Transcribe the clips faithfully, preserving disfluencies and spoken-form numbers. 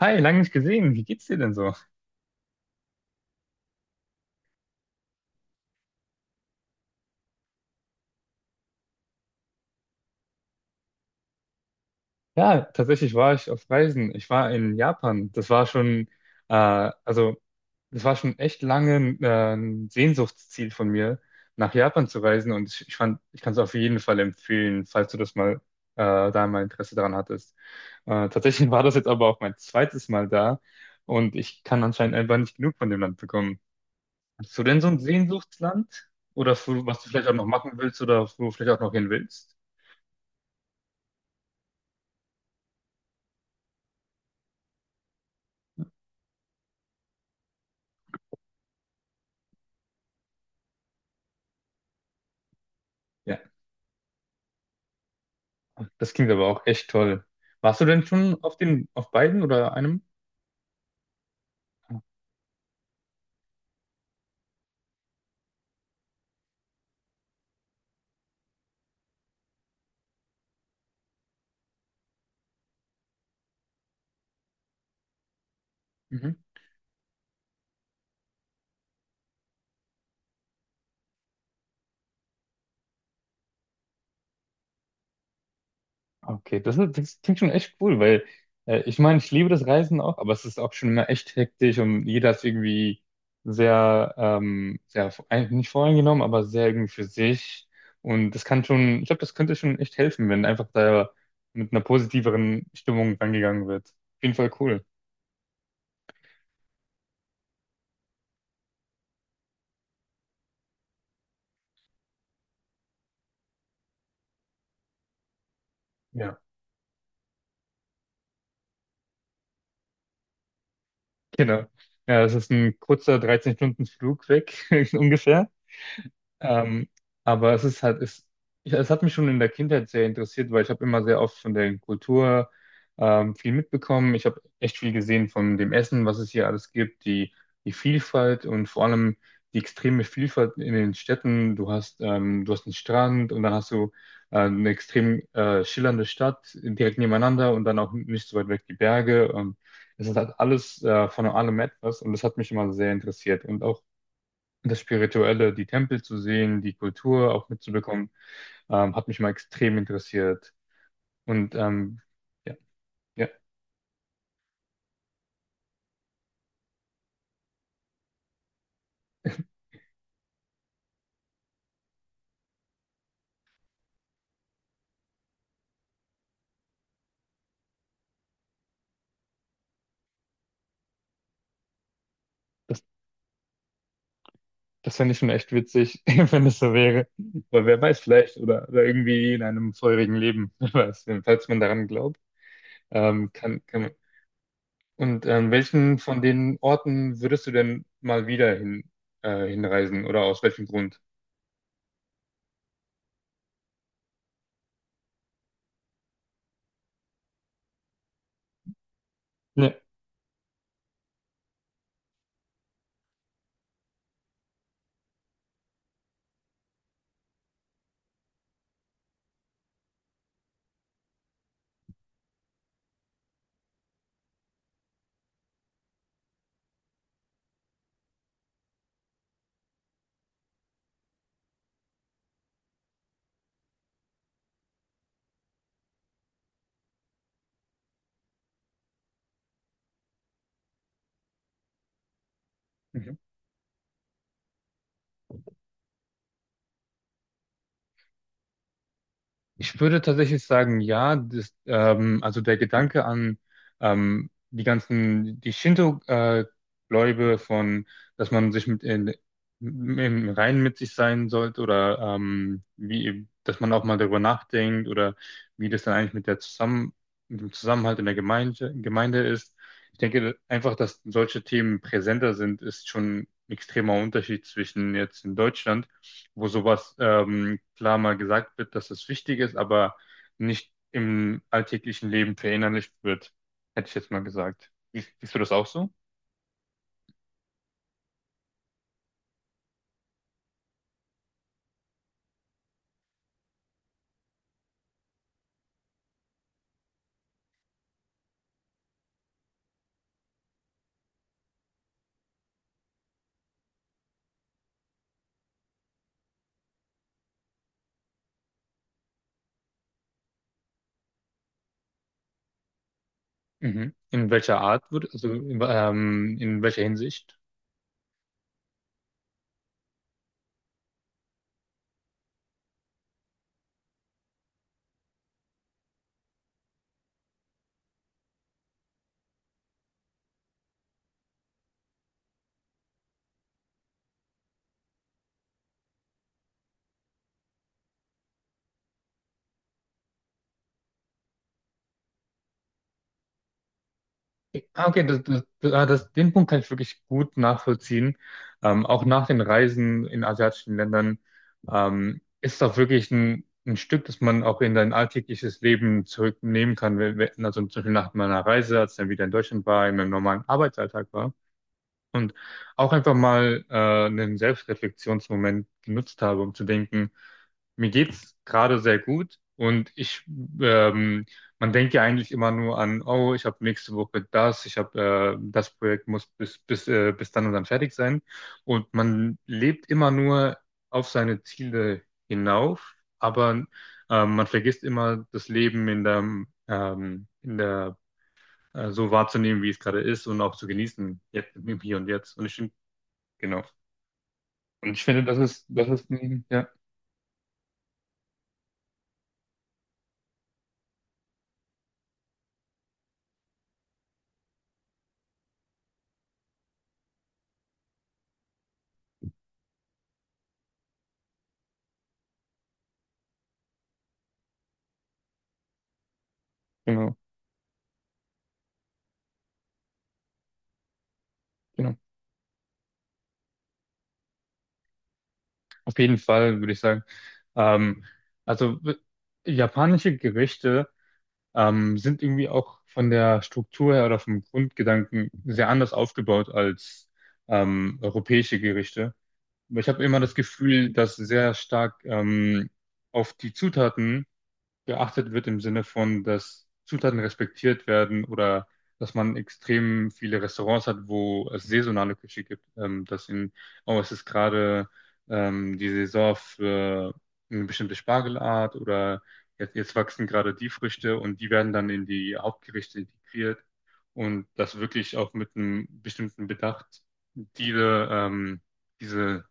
Hi, lange nicht gesehen. Wie geht's dir denn so? Ja, tatsächlich war ich auf Reisen. Ich war in Japan. Das war schon, äh, also, das war schon echt lange ein, äh, ein Sehnsuchtsziel von mir, nach Japan zu reisen. Und ich, ich fand, ich kann es auf jeden Fall empfehlen, falls du das mal, äh, da mal Interesse daran hattest. Äh, tatsächlich war das jetzt aber auch mein zweites Mal da und ich kann anscheinend einfach nicht genug von dem Land bekommen. Hast du denn so ein Sehnsuchtsland? Oder wo- was du vielleicht auch noch machen willst oder wo du vielleicht auch noch hin willst? Das klingt aber auch echt toll. Warst du denn schon auf den, auf beiden oder einem? Ah, mhm. Okay, das, ist- das klingt schon echt cool, weil äh, ich meine, ich liebe das Reisen auch, aber es ist auch schon immer echt hektisch und jeder ist irgendwie sehr, ähm, sehr eigentlich nicht voreingenommen, aber sehr irgendwie für sich. Und das kann schon, ich glaube, das könnte schon echt helfen, wenn einfach da mit einer positiveren Stimmung rangegangen wird. Auf jeden Fall cool. Ja. Genau. Ja, es ist ein kurzer dreizehn Stunden Flug weg, ungefähr. Ähm, aber es ist halt, es, ja, es hat mich schon in der Kindheit sehr interessiert, weil ich habe immer sehr oft von der Kultur ähm, viel mitbekommen. Ich habe echt viel gesehen von dem Essen, was es hier alles gibt, die, die Vielfalt und vor allem die extreme Vielfalt in den Städten. Du hast, ähm, du hast einen Strand und dann hast du äh, eine extrem äh, schillernde Stadt direkt nebeneinander und dann auch nicht so weit weg die Berge. Ähm, es hat alles äh, von allem etwas und das hat mich immer sehr interessiert und auch das Spirituelle, die Tempel zu sehen, die Kultur auch mitzubekommen, ähm, hat mich mal extrem interessiert. Und ähm, ja, ja, das, Das fände ich schon echt witzig, wenn es so wäre. Weil wer weiß, vielleicht oder, oder irgendwie in einem vorherigen Leben, wer weiß, wenn- falls man daran glaubt, ähm, kann, kann man. Und ähm, welchen von den Orten würdest du denn mal wieder hin, äh, hinreisen oder aus welchem Grund? Ja. Ich würde tatsächlich sagen, ja, das, ähm, also der Gedanke an ähm, die ganzen, die Shinto-Gläube von, dass man sich mit in, im Reinen mit sich sein sollte oder ähm, wie, dass man auch mal darüber nachdenkt oder wie das dann eigentlich mit der Zusammen, mit dem Zusammenhalt in der Gemeinde, Gemeinde ist. Ich denke einfach, dass solche Themen präsenter sind, ist schon ein extremer Unterschied zwischen jetzt in Deutschland, wo sowas ähm, klar mal gesagt wird, dass es wichtig ist, aber nicht im alltäglichen Leben verinnerlicht wird, hätte ich jetzt mal gesagt. Siehst siehst du das auch so? Mhm. In welcher Art wird, also ähm, in welcher Hinsicht? Ah, okay, das, das, ah, das, den Punkt kann ich wirklich gut nachvollziehen. Ähm, auch nach den Reisen in asiatischen Ländern ähm, ist das wirklich ein, ein Stück, das man auch in dein alltägliches Leben zurücknehmen kann. Wenn, wenn- also zum Beispiel nach meiner Reise, als ich dann wieder in Deutschland war, in meinem normalen Arbeitsalltag war und auch einfach mal äh, einen Selbstreflexionsmoment genutzt habe, um zu denken, mir geht's gerade sehr gut und ich, ähm, Man denkt ja eigentlich immer nur an, oh, ich habe nächste Woche das, ich habe äh, das Projekt muss bis bis äh, bis dann und dann fertig sein und man lebt immer nur auf seine Ziele hinauf, aber ähm, man vergisst immer das Leben in der ähm, in der äh, so wahrzunehmen, wie es gerade ist und auch zu genießen, jetzt im Hier und Jetzt. Und ich finde, genau. Und ich finde, das ist, das ist, ein- ja, genau, genau. Auf jeden Fall, würde ich sagen. Ähm, also, w- Japanische Gerichte ähm, sind irgendwie auch von der Struktur her oder vom Grundgedanken sehr anders aufgebaut als ähm, europäische Gerichte. Aber ich habe immer das Gefühl, dass sehr stark ähm, auf die Zutaten geachtet wird im Sinne von, dass Zutaten respektiert werden oder dass man extrem viele Restaurants hat, wo es saisonale Küche gibt, ähm, dass in, oh, es ist gerade ähm, die Saison für eine bestimmte Spargelart oder jetzt, jetzt wachsen gerade die Früchte und die werden dann in die Hauptgerichte integriert und das wirklich auch mit einem bestimmten Bedacht, diese, ähm, diese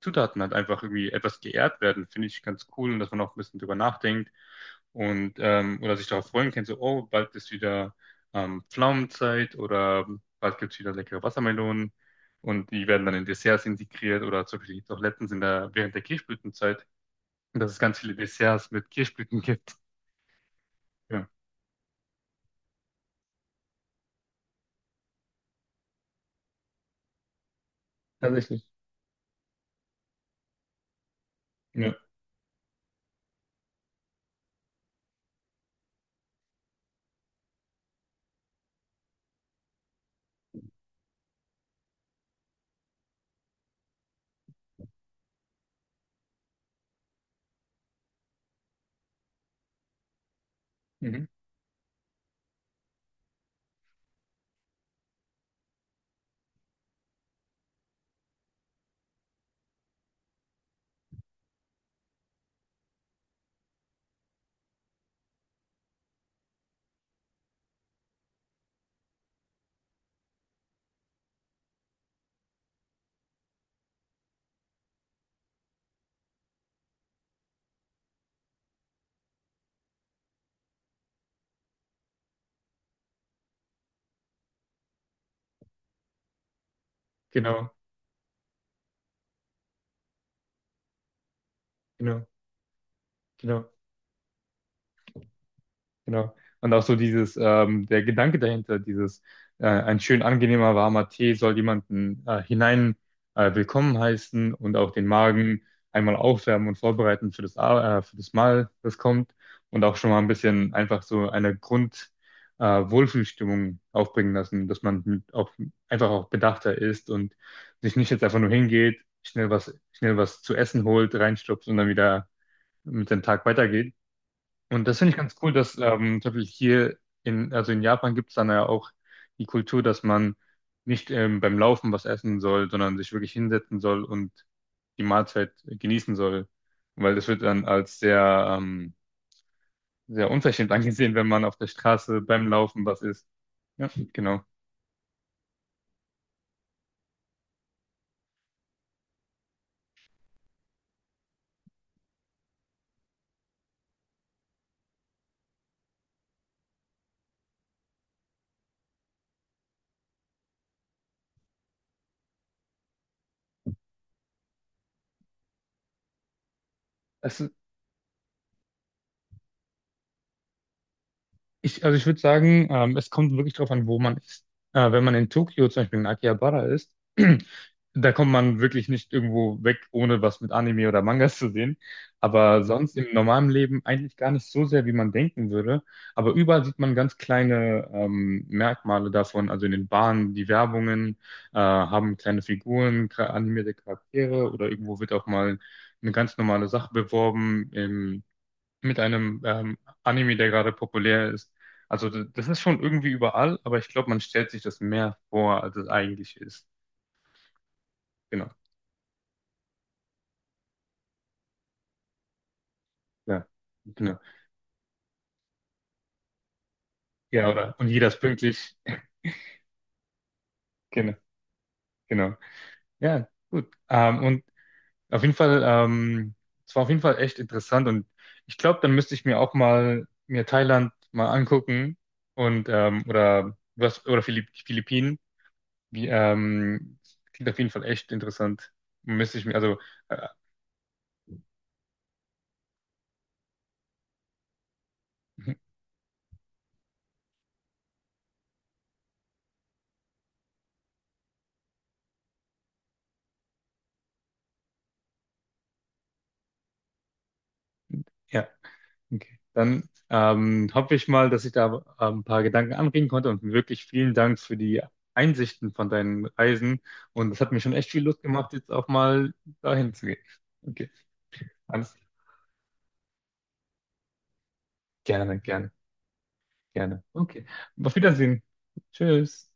Zutaten halt einfach irgendwie etwas geehrt werden, finde ich ganz cool und dass man auch ein bisschen drüber nachdenkt und ähm, oder sich darauf freuen kann, so, oh, bald ist wieder ähm, Pflaumenzeit oder bald gibt es wieder leckere Wassermelonen und die werden dann in Desserts integriert oder zum Beispiel jetzt auch letztens in der, während der Kirschblütenzeit, dass es ganz viele Desserts mit Kirschblüten gibt. Ja, tatsächlich. Ja, mhm. Genau, genau, genau. Genau. Und auch so dieses, ähm, der Gedanke dahinter, dieses, äh, ein schön angenehmer warmer Tee soll jemanden äh, hinein äh, willkommen heißen und auch den Magen einmal aufwärmen und vorbereiten für das, A- äh, für das Mahl, das kommt. Und auch schon mal ein bisschen einfach so eine Grund, äh, Wohlfühlstimmung aufbringen lassen, dass man mit auch, einfach auch bedachter ist und sich nicht jetzt einfach nur hingeht, schnell was, schnell was zu essen holt, reinstopft und dann wieder mit dem Tag weitergeht, und das finde ich ganz cool, dass ähm, zum Beispiel hier in, also in Japan gibt es dann ja auch die Kultur, dass man nicht ähm, beim Laufen was essen soll, sondern sich wirklich hinsetzen soll und die Mahlzeit genießen soll. Weil das wird dann als sehr, ähm, sehr unverschämt angesehen, wenn man auf der Straße beim Laufen was isst. Ja, genau. Es, Ich, also ich würde sagen, ähm, es kommt wirklich drauf an, wo man ist. Äh, wenn man in Tokio zum Beispiel in Akihabara ist, da kommt man wirklich nicht irgendwo weg, ohne was mit Anime oder Mangas zu sehen. Aber sonst im normalen Leben eigentlich gar nicht so sehr, wie man denken würde. Aber überall sieht man ganz kleine ähm, Merkmale davon. Also in den Bahnen, die Werbungen äh, haben kleine Figuren, kra- animierte Charaktere, oder irgendwo wird auch mal eine ganz normale Sache beworben mit einem ähm, Anime, der gerade populär ist. Also d- das ist schon irgendwie überall, aber ich glaube, man stellt sich das mehr vor, als es eigentlich ist. Genau. Ja. Genau. Ja, oder? Und jeder ist pünktlich. Genau, genau. Ja, gut. Ähm, und auf jeden Fall, ähm, es war auf jeden Fall echt interessant und ich glaube, dann müsste ich mir auch mal mir Thailand mal angucken und ähm, oder was oder Philipp Philippinen. Wie, ähm, klingt auf jeden Fall echt interessant. Müsste ich mir, also äh, ja. Okay. Dann ähm, hoffe ich mal, dass ich da ähm, ein paar Gedanken anregen konnte und wirklich vielen Dank für die Einsichten von deinen Reisen. Und das hat mir schon echt viel Lust gemacht, jetzt auch mal dahin zu gehen. Okay, alles gerne, gerne, gerne. Okay, auf Wiedersehen. Tschüss.